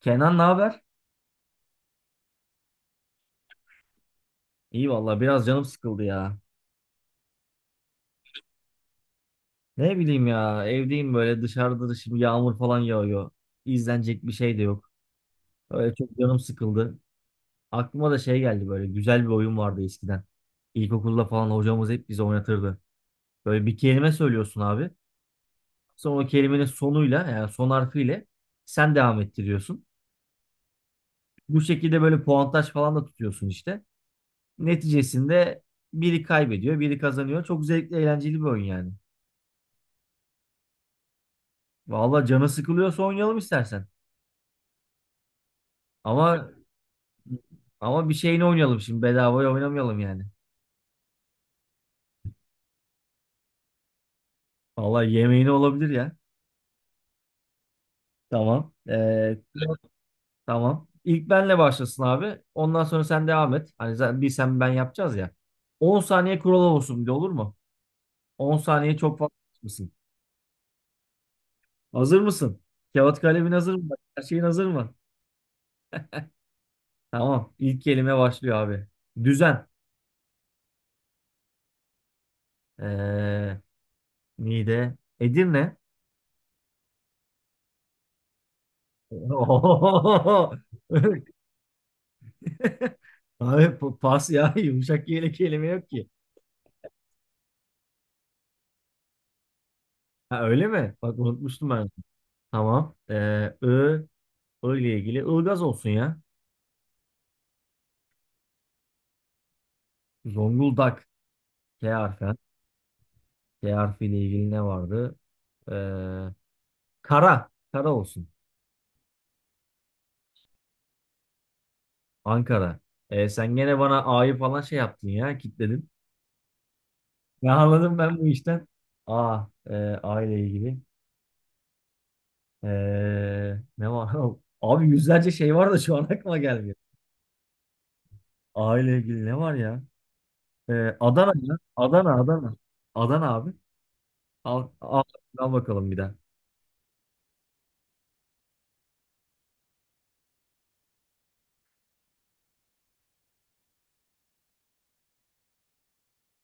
Kenan ne haber? İyi vallahi biraz canım sıkıldı ya. Ne bileyim ya evdeyim böyle dışarıda da şimdi yağmur falan yağıyor. İzlenecek bir şey de yok. Öyle çok canım sıkıldı. Aklıma da şey geldi böyle güzel bir oyun vardı eskiden. İlkokulda falan hocamız hep bize oynatırdı. Böyle bir kelime söylüyorsun abi. Sonra o kelimenin sonuyla yani son harfiyle sen devam ettiriyorsun. Bu şekilde böyle puantaj falan da tutuyorsun işte. Neticesinde biri kaybediyor, biri kazanıyor. Çok zevkli, eğlenceli bir oyun yani. Valla canı sıkılıyorsa oynayalım istersen. Ama ama bir şeyini oynayalım şimdi. Bedavaya oynamayalım yani. Valla yemeğini olabilir ya. Tamam. Tamam. İlk benle başlasın abi. Ondan sonra sen devam et. Hani zaten bir sen ben yapacağız ya. 10 saniye olsun bir de olur mu? 10 saniye fazla mısın? Hazır mısın? Kağıt kalemin hazır mı? Her şeyin hazır mı? Tamam. İlk kelime başlıyor abi. Düzen. Ee, Niğde. Edirne. Ohohoho. Abi pas ya yumuşak yelek kelime yok ki. Ha öyle mi? Bak unutmuştum ben. Tamam. Ö, Ö ile ilgili Ilgaz olsun ya. Zonguldak. K harfi. K harfi ile ilgili ne vardı? Ee, Kara. Kara olsun. Ankara. Sen gene bana A'yı falan şey yaptın ya. Kitledin. Ne anladım ben bu işten? A. A ile ilgili. Ee, Ne var? Abi yüzlerce şey var da şu an aklıma gelmiyor. A ile ilgili ne var ya? Ee, Adana ya. Adana, Adana. Adana abi. Al, al, al bakalım bir daha.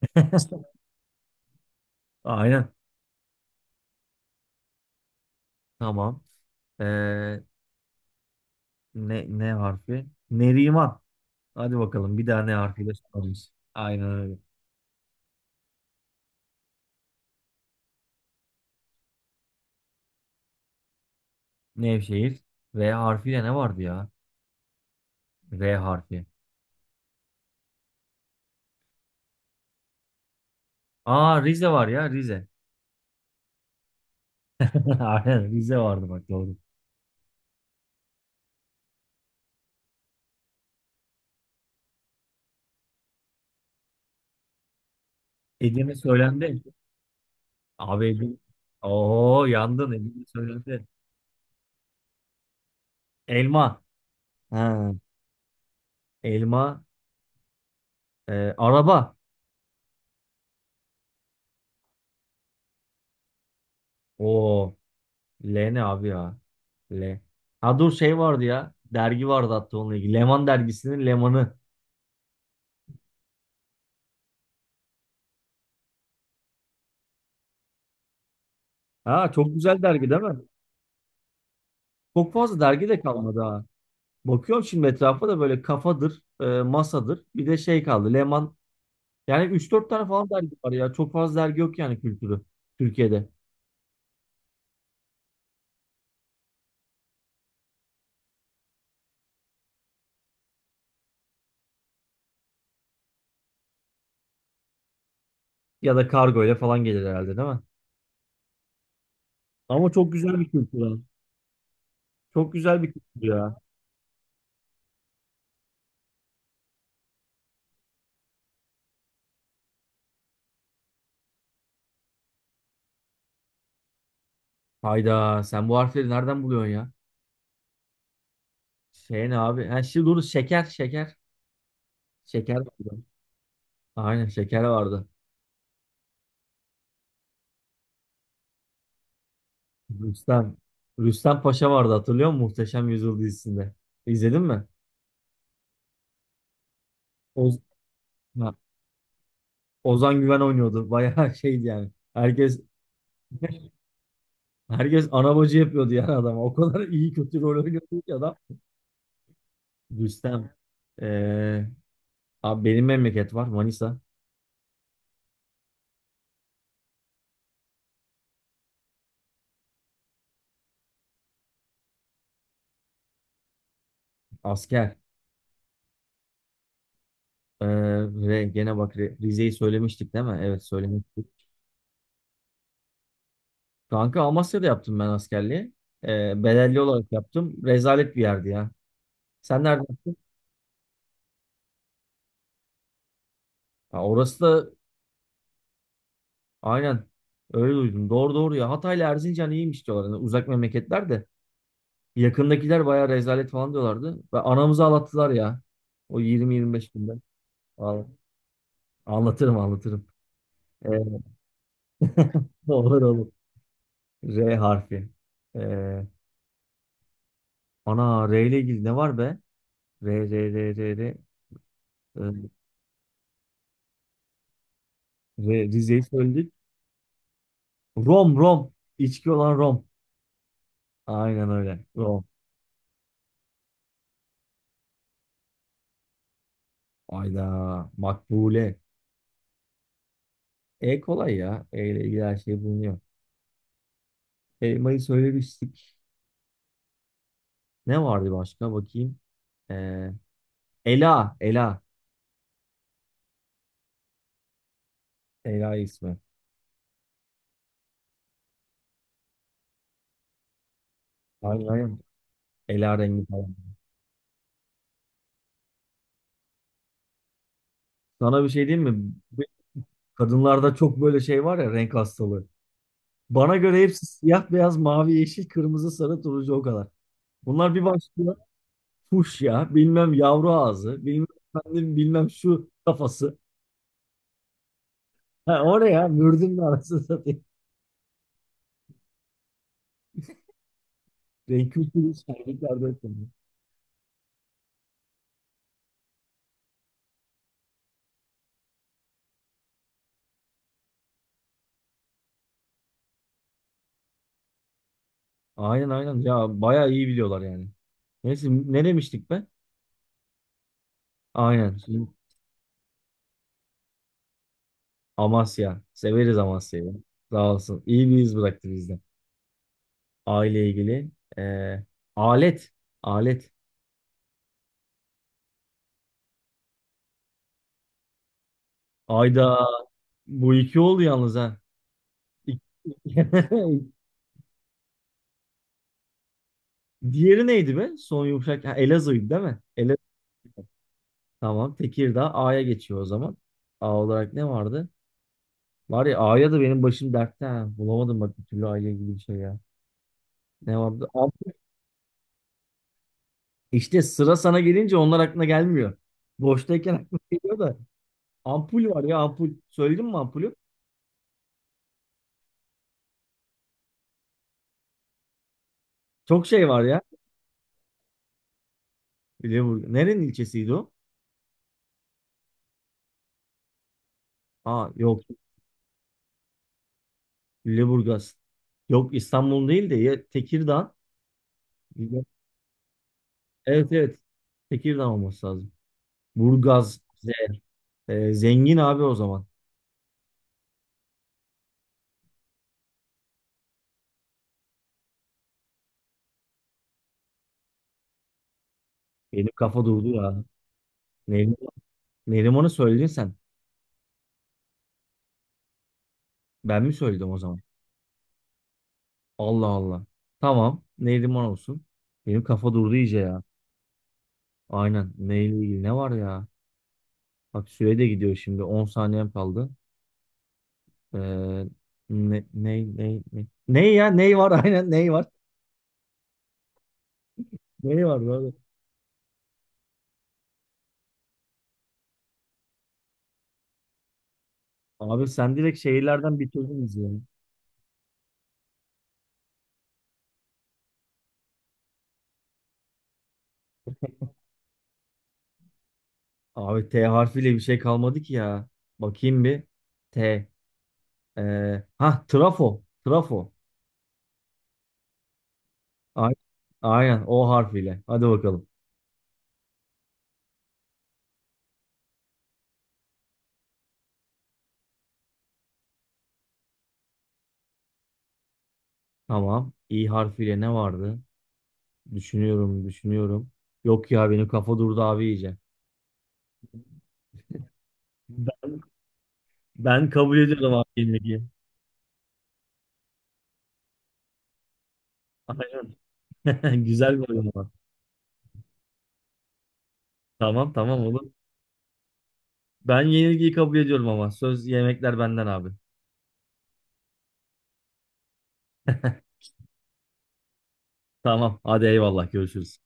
Aynen. Tamam. Ee, ne harfi? Neriman. Hadi bakalım bir daha ne harfiyle soralımız. Aynen öyle. Nevşehir. V harfiyle ne vardı ya? V harfi. Aa, Rize var ya Rize. Aynen Rize vardı bak doğru. Edirne söylendi. Abi Edirne. Oo yandın Edirne söylendi. Elma. Ha. Elma. Araba. Oo. L ne abi ya? L. Ha dur şey vardı ya. Dergi vardı hatta onunla ilgili. Leman dergisinin Leman'ı. Ha çok güzel dergi değil mi? Çok fazla dergi de kalmadı ha. Bakıyorum şimdi etrafa da böyle kafadır, masadır. Bir de şey kaldı. Leman. Yani üç dört tane falan dergi var ya. Çok fazla dergi yok yani kültürü. Türkiye'de. Ya da kargo ile falan gelir herhalde değil mi? Ama çok güzel bir kültür ha. Çok güzel bir kültür ya. Hayda sen bu harfleri nereden buluyorsun ya? Şey ne abi? Ha, şimdi dur şeker şeker. Şeker. Aynen şeker vardı. Rüstem. Rüstem Paşa vardı hatırlıyor musun? Muhteşem Yüzyıl dizisinde. İzledin mi? Oz ha, Ozan Güven oynuyordu. Bayağı şeydi yani. Herkes ana bacı yapıyordu yani adam. O kadar iyi kötü rol oynuyordu ki adam. Rüstem. Ee, Abi benim memleket var. Manisa. Asker. Ee, Ve gene bak Rize'yi söylemiştik değil mi? Evet söylemiştik. Kanka Amasya'da yaptım ben askerliği. Bedelli olarak yaptım. Rezalet bir yerdi ya. Sen nerede yaptın? Ha, orası da aynen. Öyle duydum. Doğru doğru ya. Hatay'la Erzincan iyiymiş diyorlar. Hani uzak memleketler de. Yakındakiler bayağı rezalet falan diyorlardı. Ve anamızı ağlattılar ya. O 20-25 günde. Vallahi. Anlatırım anlatırım. Ee, olur olur. R harfi. Ee, Ana R ile ilgili ne var be? R R R R R. Ee, Rize'yi söyledik. Rom Rom. İçki olan Rom. Aynen öyle. Rom. Ayda. Makbule. E kolay ya. E ile ilgili her şey bulunuyor. Elmayı söylemiştik. Ne vardı başka bakayım. Ee, Ela. Ela. Ela ismi. Aynen aynen. Ela rengi falan. Sana bir şey diyeyim mi? Bu kadınlarda çok böyle şey var ya renk hastalığı. Bana göre hepsi siyah, beyaz, mavi, yeşil, kırmızı, sarı, turuncu o kadar. Bunlar bir başlıyor. Fuş ya. Bilmem yavru ağzı. Bilmem efendim, bilmem şu kafası. Ha, o ne ya? Mürdümle arasını satayım. Renk kültürü sergiklerde. Aynen aynen. Ya bayağı iyi biliyorlar yani. Neyse ne demiştik be? Aynen. Şimdi Amasya. Severiz Amasya'yı. Sağ olsun. İyi bir iz bıraktı bizde. Aile ilgili. Ee, Alet. Alet. Ayda bu iki oldu yalnız ha. İk- Diğeri neydi be? Son yumuşak. Ha, Elazığ'ydı değil mi? Elazığ. Tamam. Tekirdağ A'ya geçiyor o zaman. A olarak ne vardı? Var ya A'ya da benim başım dertte ha. Bulamadım bak bir türlü aile ilgili bir şey ya. Ne vardı? İşte sıra sana gelince onlar aklına gelmiyor. Boştayken aklına geliyor da. Ampul var ya ampul. Söyledim mi ampulü? Çok şey var ya. Lüleburgaz. Nerenin ilçesiydi o? Aa yok. Lüleburgaz. Yok İstanbul değil de ya Tekirdağ. Evet evet. Tekirdağ olması lazım. Burgaz. Zengin abi o zaman. Benim kafa durdu ya. Neriman, Neriman'ı söyledin sen. Ben mi söyledim o zaman? Allah Allah. Tamam. Neriman olsun. Benim kafa durdu iyice ya. Aynen. Neyle ilgili ne var ya? Bak süre de gidiyor şimdi. 10 saniyem. Ee, ne? Ne ya? Ney var? Aynen ney var? Ney var böyle? Abi sen direkt şehirlerden bitirdin bizi ya. Abi T harfiyle bir şey kalmadı ki ya. Bakayım bir. T. Ha Trafo. Trafo. Ay- Aynen o harfiyle. Hadi bakalım. Tamam. İ harfiyle ne vardı? Düşünüyorum, düşünüyorum. Yok ya benim kafa durdu abi iyice. Ben Ben kabul ediyorum abi yenilgiyi. Aynen. Güzel bir oyun ama. Tamam tamam oğlum. Ben yenilgiyi kabul ediyorum ama. Söz yemekler benden abi. Tamam hadi eyvallah görüşürüz.